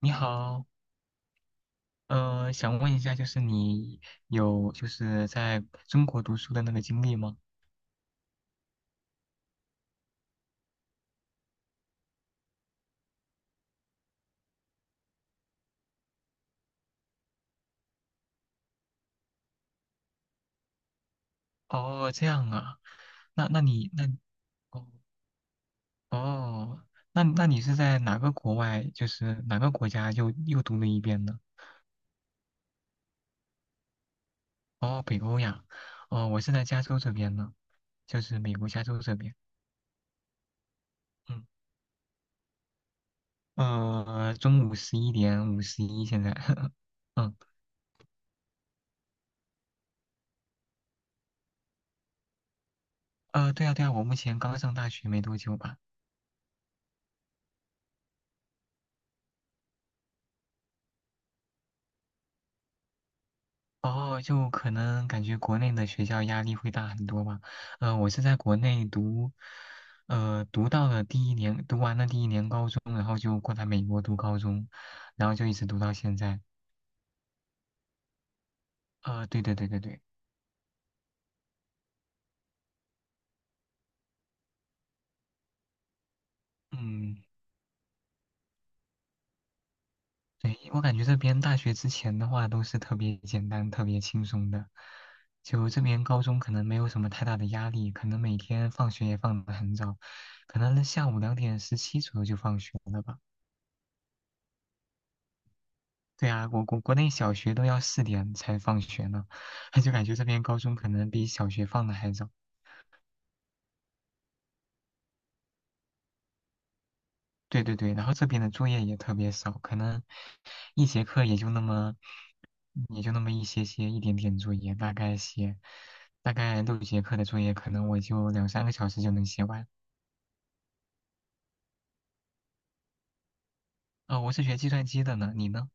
你好，想问一下，就是你有就是在中国读书的那个经历吗？哦，这样啊，那那你那哦哦，那你是在哪个国外，就是哪个国家又读了一遍呢？哦，北欧呀，哦，我是在加州这边呢，就是美国加州这边，嗯，中午11:51现在，嗯，对啊对啊，我目前刚上大学没多久吧。哦，就可能感觉国内的学校压力会大很多吧。我是在国内读，读到了第一年，读完了第一年高中，然后就过来美国读高中，然后就一直读到现在。对对对对对，嗯，对，我感觉这边大学之前的话都是特别简单、特别轻松的，就这边高中可能没有什么太大的压力，可能每天放学也放得很早，可能下午2:17左右就放学了吧。对啊，我国内小学都要4点才放学呢，就感觉这边高中可能比小学放的还早。对对对，然后这边的作业也特别少，可能一节课也就那么一些些一点点作业，大概6节课的作业，可能我就两三个小时就能写完。我是学计算机的呢，你呢？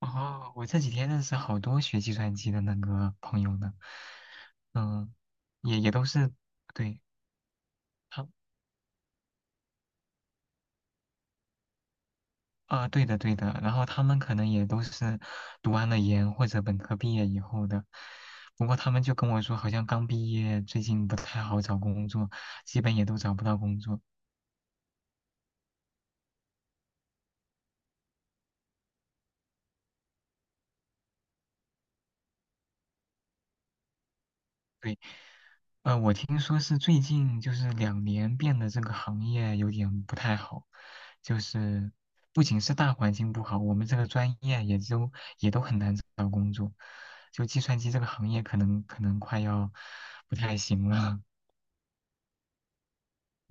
哦，我这几天认识好多学计算机的那个朋友呢，嗯，也都是，对。他啊，对的对的，然后他们可能也都是读完了研或者本科毕业以后的，不过他们就跟我说，好像刚毕业，最近不太好找工作，基本也都找不到工作。对，我听说是最近就是两年变得这个行业有点不太好，就是不仅是大环境不好，我们这个专业也都很难找到工作，就计算机这个行业可能快要不太行了，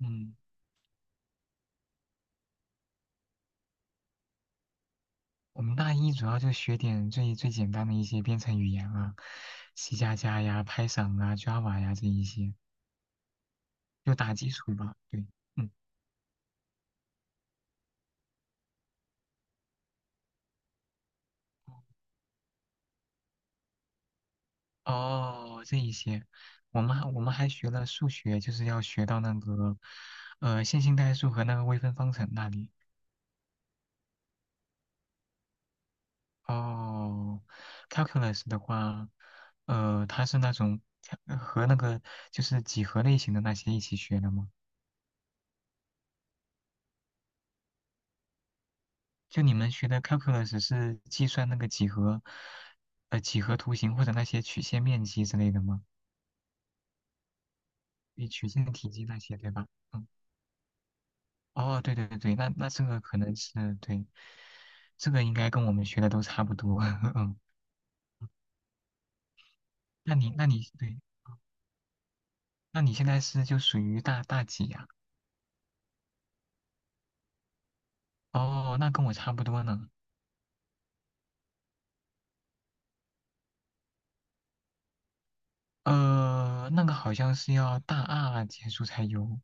嗯。我们大一主要就学点最简单的一些编程语言啊，C++呀、Python 啊、Java 呀这一些，就打基础吧。对，嗯，哦，这一些，我们还学了数学，就是要学到那个线性代数和那个微分方程那里。哦，calculus 的话，它是那种和那个就是几何类型的那些一起学的吗？就你们学的 calculus 是计算那个几何，几何图形或者那些曲线面积之类的吗？对，曲线体积那些，对吧？嗯，哦，对对对对，那这个可能是对，这个应该跟我们学的都差不多。嗯，那你那你对，那你现在是就属于大几呀、哦，那跟我差不多呢。那个好像是要大二结束才有。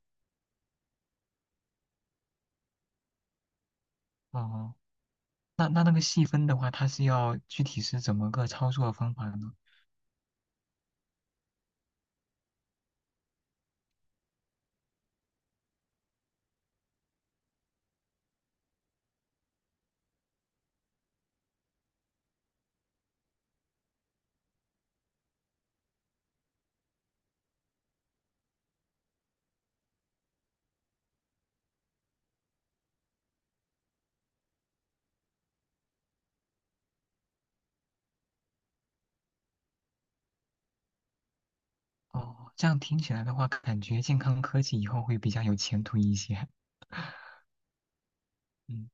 哦，那个细分的话，它是要具体是怎么个操作方法呢？哦，这样听起来的话，感觉健康科技以后会比较有前途一些。嗯，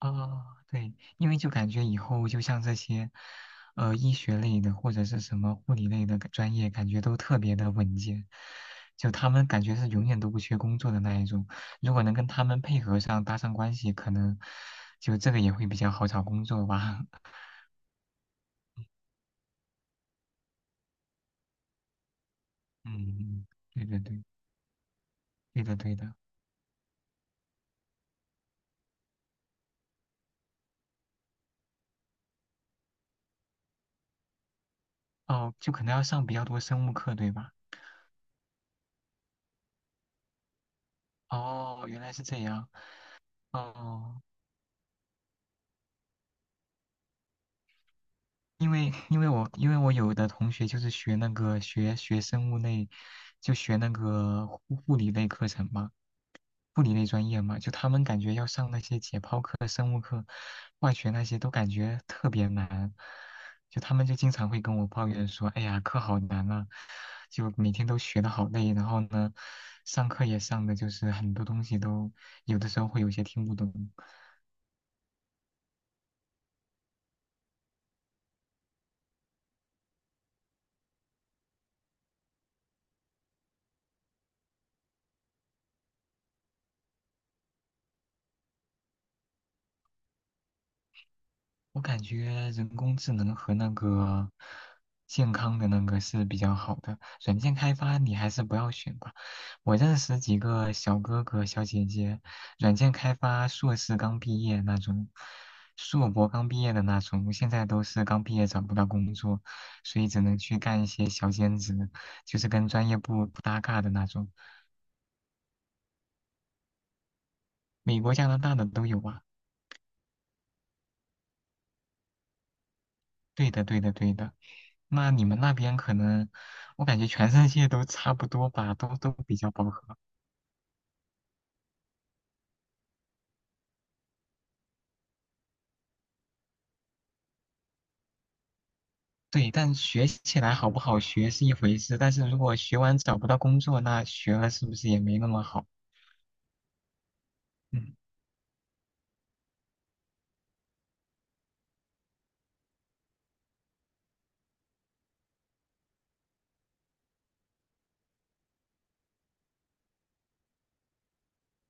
哦，对，因为就感觉以后就像这些，医学类的或者是什么护理类的专业，感觉都特别的稳健，就他们感觉是永远都不缺工作的那一种。如果能跟他们配合上，搭上关系，可能就这个也会比较好找工作吧。嗯，对对对，对的对的。哦，就可能要上比较多生物课，对吧？哦，原来是这样。哦，因为我有的同学就是学那个学生物类，就学那个护理类课程嘛，护理类专业嘛，就他们感觉要上那些解剖课、生物课、化学那些都感觉特别难，就他们就经常会跟我抱怨说，哎呀，课好难啊，就每天都学的好累，然后呢，上课也上的就是很多东西都有的时候会有些听不懂。我感觉人工智能和那个健康的那个是比较好的，软件开发你还是不要选吧。我认识几个小哥哥小姐姐，软件开发硕士刚毕业那种，硕博刚毕业的那种，现在都是刚毕业找不到工作，所以只能去干一些小兼职，就是跟专业不搭嘎的那种。美国、加拿大的都有啊。对的，对的，对的。那你们那边可能，我感觉全世界都差不多吧，都比较饱和。对，但学起来好不好学是一回事，但是如果学完找不到工作，那学了是不是也没那么好？嗯，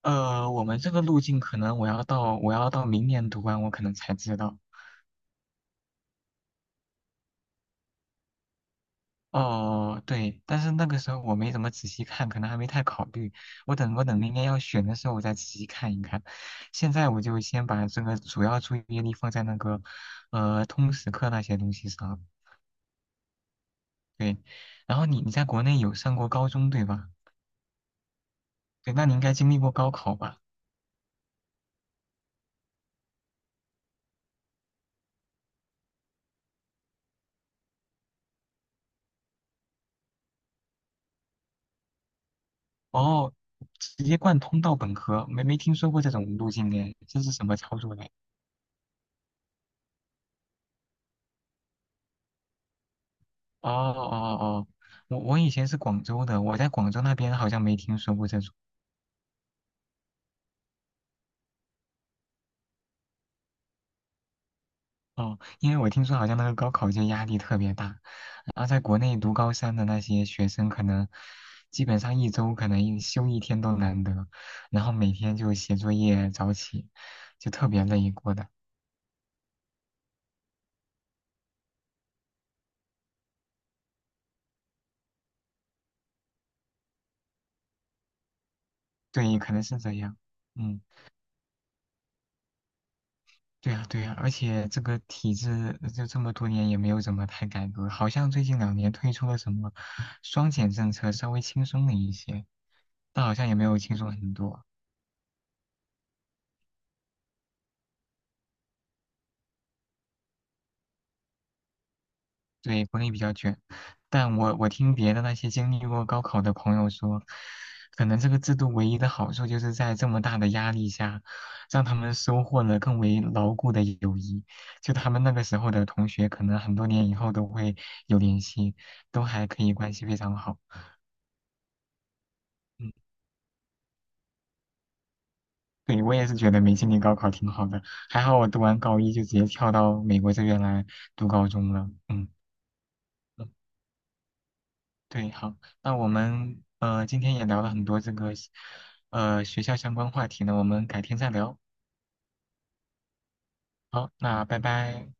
我们这个路径可能我要到明年读完，我可能才知道。哦，对，但是那个时候我没怎么仔细看，可能还没太考虑。我等明年要选的时候，我再仔细看一看。现在我就先把这个主要注意力放在那个，通识课那些东西上。对，然后你在国内有上过高中对吧？对，那你应该经历过高考吧？哦，直接贯通到本科，没听说过这种路径哎，这是什么操作嘞？哦哦哦，我以前是广州的，我在广州那边好像没听说过这种。哦，因为我听说好像那个高考就压力特别大，然后在国内读高三的那些学生，可能基本上一周可能一休一天都难得，然后每天就写作业、早起，就特别累过的。对，可能是这样。嗯，对呀，对呀，而且这个体制就这么多年也没有怎么太改革，好像最近两年推出了什么双减政策，稍微轻松了一些，但好像也没有轻松很多。对，国内比较卷，但我听别的那些经历过高考的朋友说，可能这个制度唯一的好处就是在这么大的压力下，让他们收获了更为牢固的友谊。就他们那个时候的同学，可能很多年以后都会有联系，都还可以关系非常好。嗯，对，我也是觉得没经历高考挺好的，还好我读完高一就直接跳到美国这边来读高中了。嗯。对，好，那我们今天也聊了很多这个学校相关话题呢，我们改天再聊。好，那拜拜。